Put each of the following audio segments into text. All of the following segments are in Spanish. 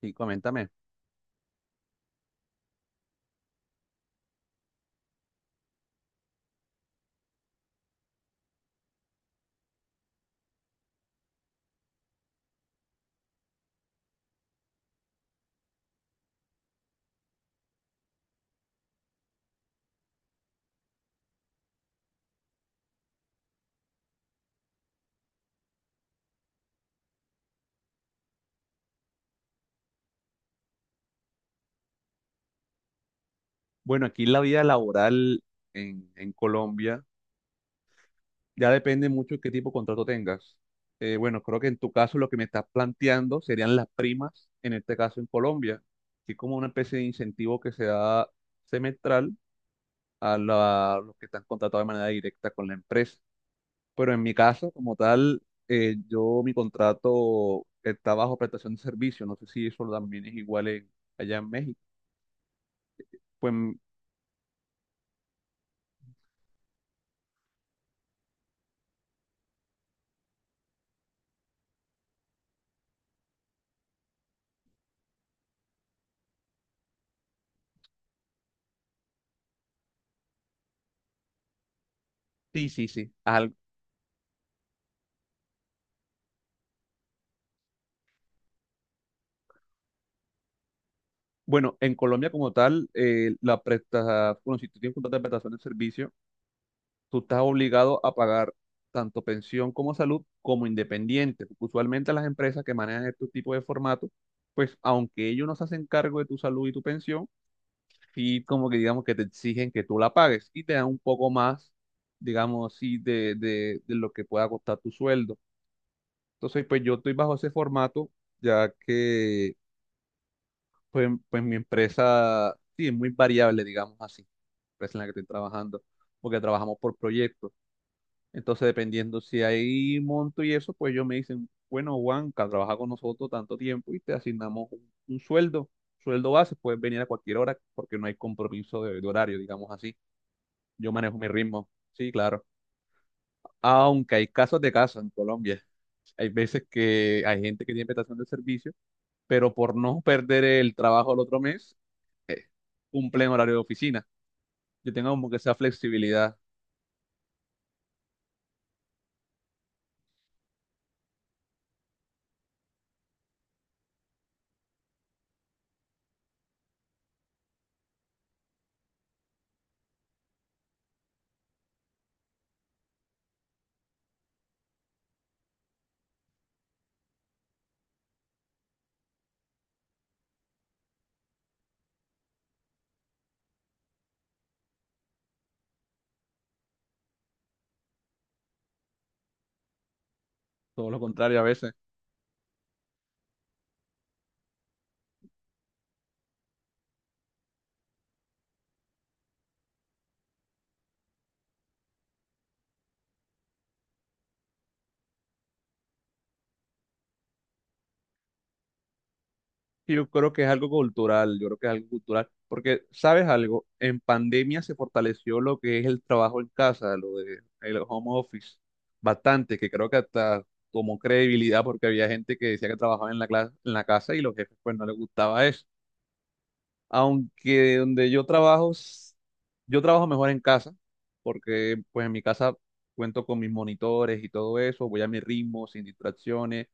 Sí, coméntame. Bueno, aquí la vida laboral en Colombia ya depende mucho de qué tipo de contrato tengas. Bueno, creo que en tu caso lo que me estás planteando serían las primas, en este caso en Colombia, así como una especie de incentivo que se da semestral a los que están contratados de manera directa con la empresa. Pero en mi caso, como tal, yo mi contrato está bajo prestación de servicio. No sé si eso también es igual allá en México. Pues sí, sí, sí. Bueno, en Colombia como tal, bueno, si tú tienes un contrato de prestación de servicio, tú estás obligado a pagar tanto pensión como salud como independiente. Usualmente las empresas que manejan este tipo de formato, pues aunque ellos no se hacen cargo de tu salud y tu pensión, sí como que digamos que te exigen que tú la pagues y te dan un poco más, digamos así, de, de lo que pueda costar tu sueldo. Entonces, pues yo estoy bajo ese formato, ya que pues mi empresa, sí, es muy variable, digamos así, la empresa en la que estoy trabajando, porque trabajamos por proyectos. Entonces, dependiendo si hay monto y eso, pues ellos me dicen, bueno, Juanca, trabaja con nosotros tanto tiempo y te asignamos un sueldo, sueldo base, puedes venir a cualquier hora porque no hay compromiso de horario, digamos así. Yo manejo mi ritmo, sí, claro. Aunque hay casos de casos en Colombia. Hay veces que hay gente que tiene prestación de servicio, pero por no perder el trabajo el otro mes, eh, cumplen horario de oficina, que tengan como que esa flexibilidad, todo lo contrario a veces. Y yo creo que es algo cultural, yo creo que es algo cultural, porque, ¿sabes algo? En pandemia se fortaleció lo que es el trabajo en casa, lo de el home office, bastante, que creo que hasta tomó credibilidad porque había gente que decía que trabajaba en en la casa y los jefes pues no les gustaba eso. Aunque donde yo yo trabajo mejor en casa, porque pues en mi casa cuento con mis monitores y todo eso, voy a mi ritmo, sin distracciones,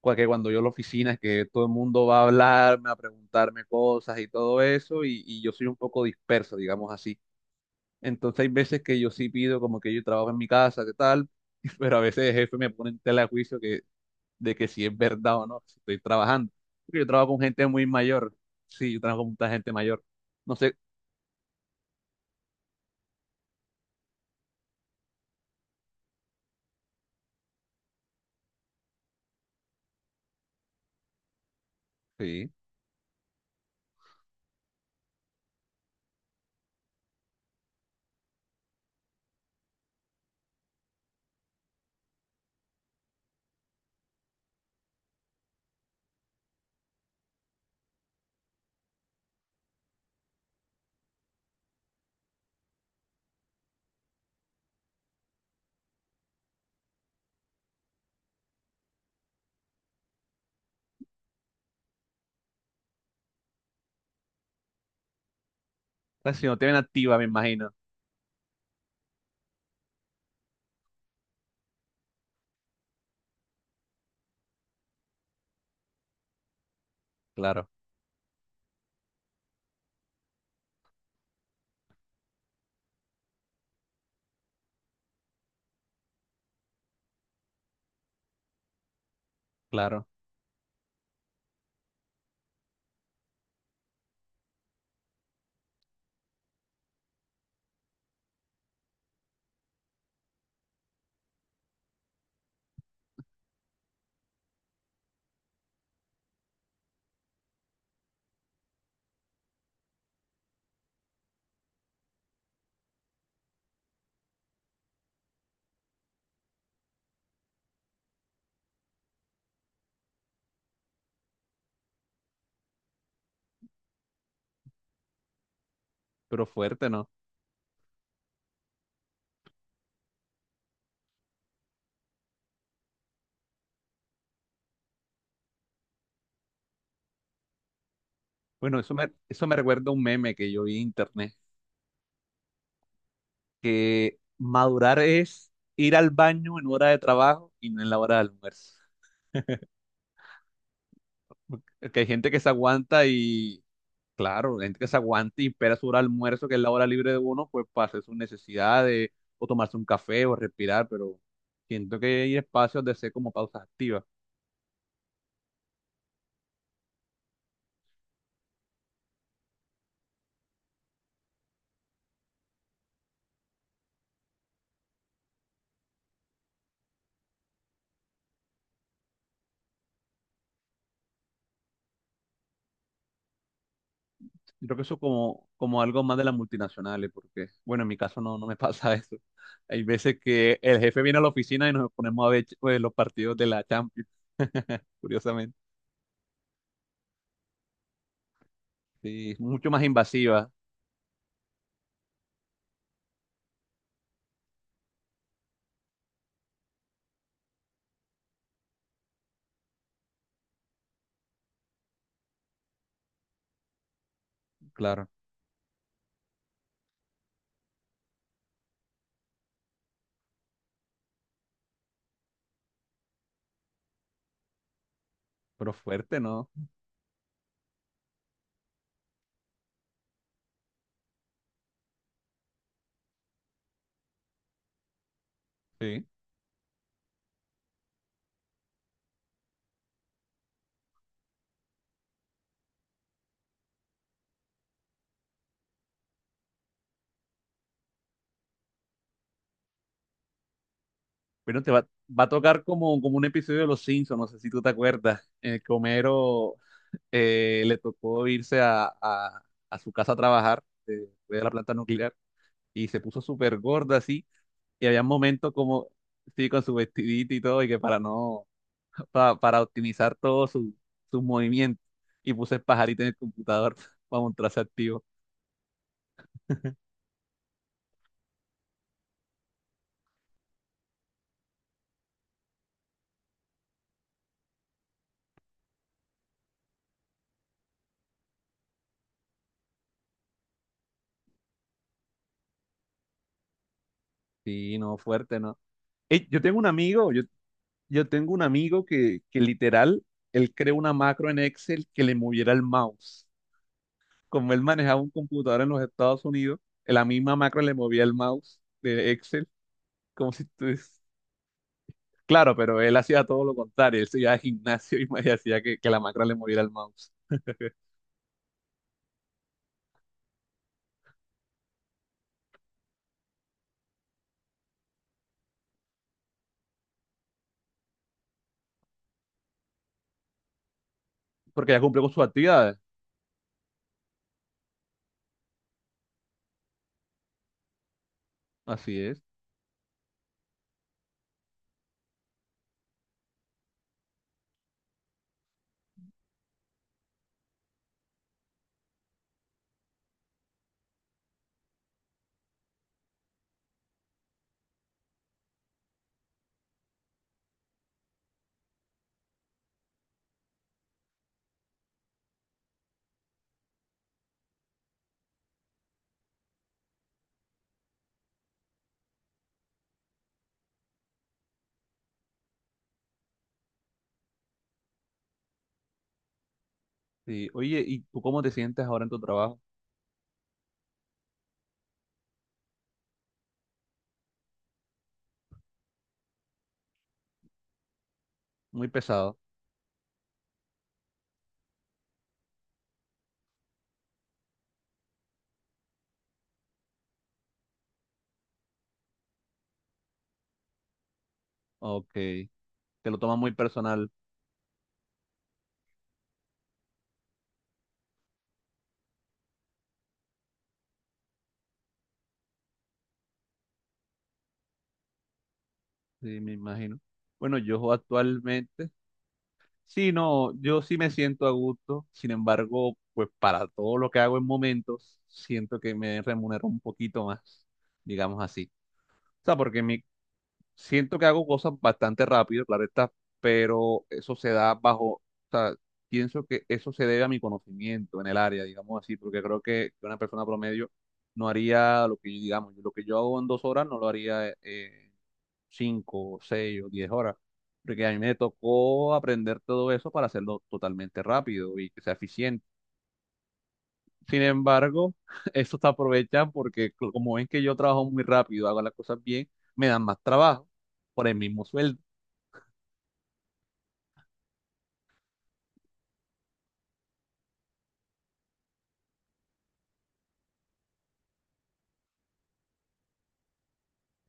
cua- que cuando yo a la oficina es que todo el mundo va a hablarme, a preguntarme cosas y todo eso, y yo soy un poco disperso, digamos así. Entonces hay veces que yo sí pido como que yo trabajo en mi casa, ¿qué tal? Pero a veces el jefe me pone en tela de juicio que, de que si es verdad o no, si estoy trabajando. Porque yo trabajo con gente muy mayor, sí, yo trabajo con mucha gente mayor. No sé. Sí. La si no te ven activa, me imagino. Claro, claro. Pero fuerte, ¿no? Bueno, eso me recuerda a un meme que yo vi en internet, que madurar es ir al baño en hora de trabajo y no en la hora de almuerzo. Es que hay gente que se aguanta y, claro, gente que se aguanta y espera su hora de almuerzo, que es la hora libre de uno, pues para hacer sus necesidades, o tomarse un café, o respirar, pero siento que hay espacios de hacer como pausas activas. Yo creo que eso como, como algo más de las multinacionales, porque, bueno, en mi caso no, no me pasa eso. Hay veces que el jefe viene a la oficina y nos ponemos a ver pues, los partidos de la Champions, curiosamente. Sí, mucho más invasiva, claro, pero fuerte, ¿no? Sí. Pero te va a tocar como, como un episodio de Los Simpsons, no sé si tú te acuerdas, en el que Homero le tocó irse a su casa a trabajar después de la planta nuclear y se puso súper gorda así. Y había momentos como, sí, con su vestidito y todo, y que para no, para optimizar todos sus sus movimientos. Y puse el pajarito en el computador para mostrarse activo. Sí, no, fuerte, ¿no? Ey, yo tengo un amigo que literal, él creó una macro en Excel que le moviera el mouse. Como él manejaba un computador en los Estados Unidos, la misma macro le movía el mouse de Excel, como si tú. Claro, pero él hacía todo lo contrario, él se iba al gimnasio y y hacía que la macra le muriera al mouse. Porque ya cumplió con sus actividades. Así es. Sí. Oye, ¿y tú cómo te sientes ahora en tu trabajo? Muy pesado. Ok. Te lo tomas muy personal, sí, me imagino. Bueno, yo actualmente, sí, no, yo sí me siento a gusto. Sin embargo, pues para todo lo que hago en momentos, siento que me remunero un poquito más, digamos así. O sea, porque en mi. Siento que hago cosas bastante rápido, claro está, pero eso se da bajo, o sea, pienso que eso se debe a mi conocimiento en el área, digamos así, porque creo que una persona promedio no haría lo que, digamos, lo que yo hago en 2 horas no lo haría en cinco, seis o 10 horas, porque a mí me tocó aprender todo eso para hacerlo totalmente rápido y que sea eficiente. Sin embargo, eso te aprovechan porque como ven que yo trabajo muy rápido, hago las cosas bien, me dan más trabajo por el mismo sueldo.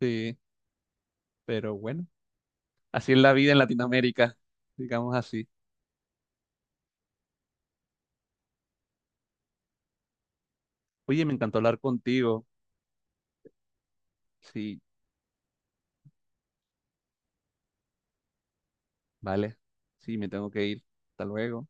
Sí, pero bueno, así es la vida en Latinoamérica, digamos así. Oye, me encantó hablar contigo. Sí, vale. Sí, me tengo que ir. Hasta luego.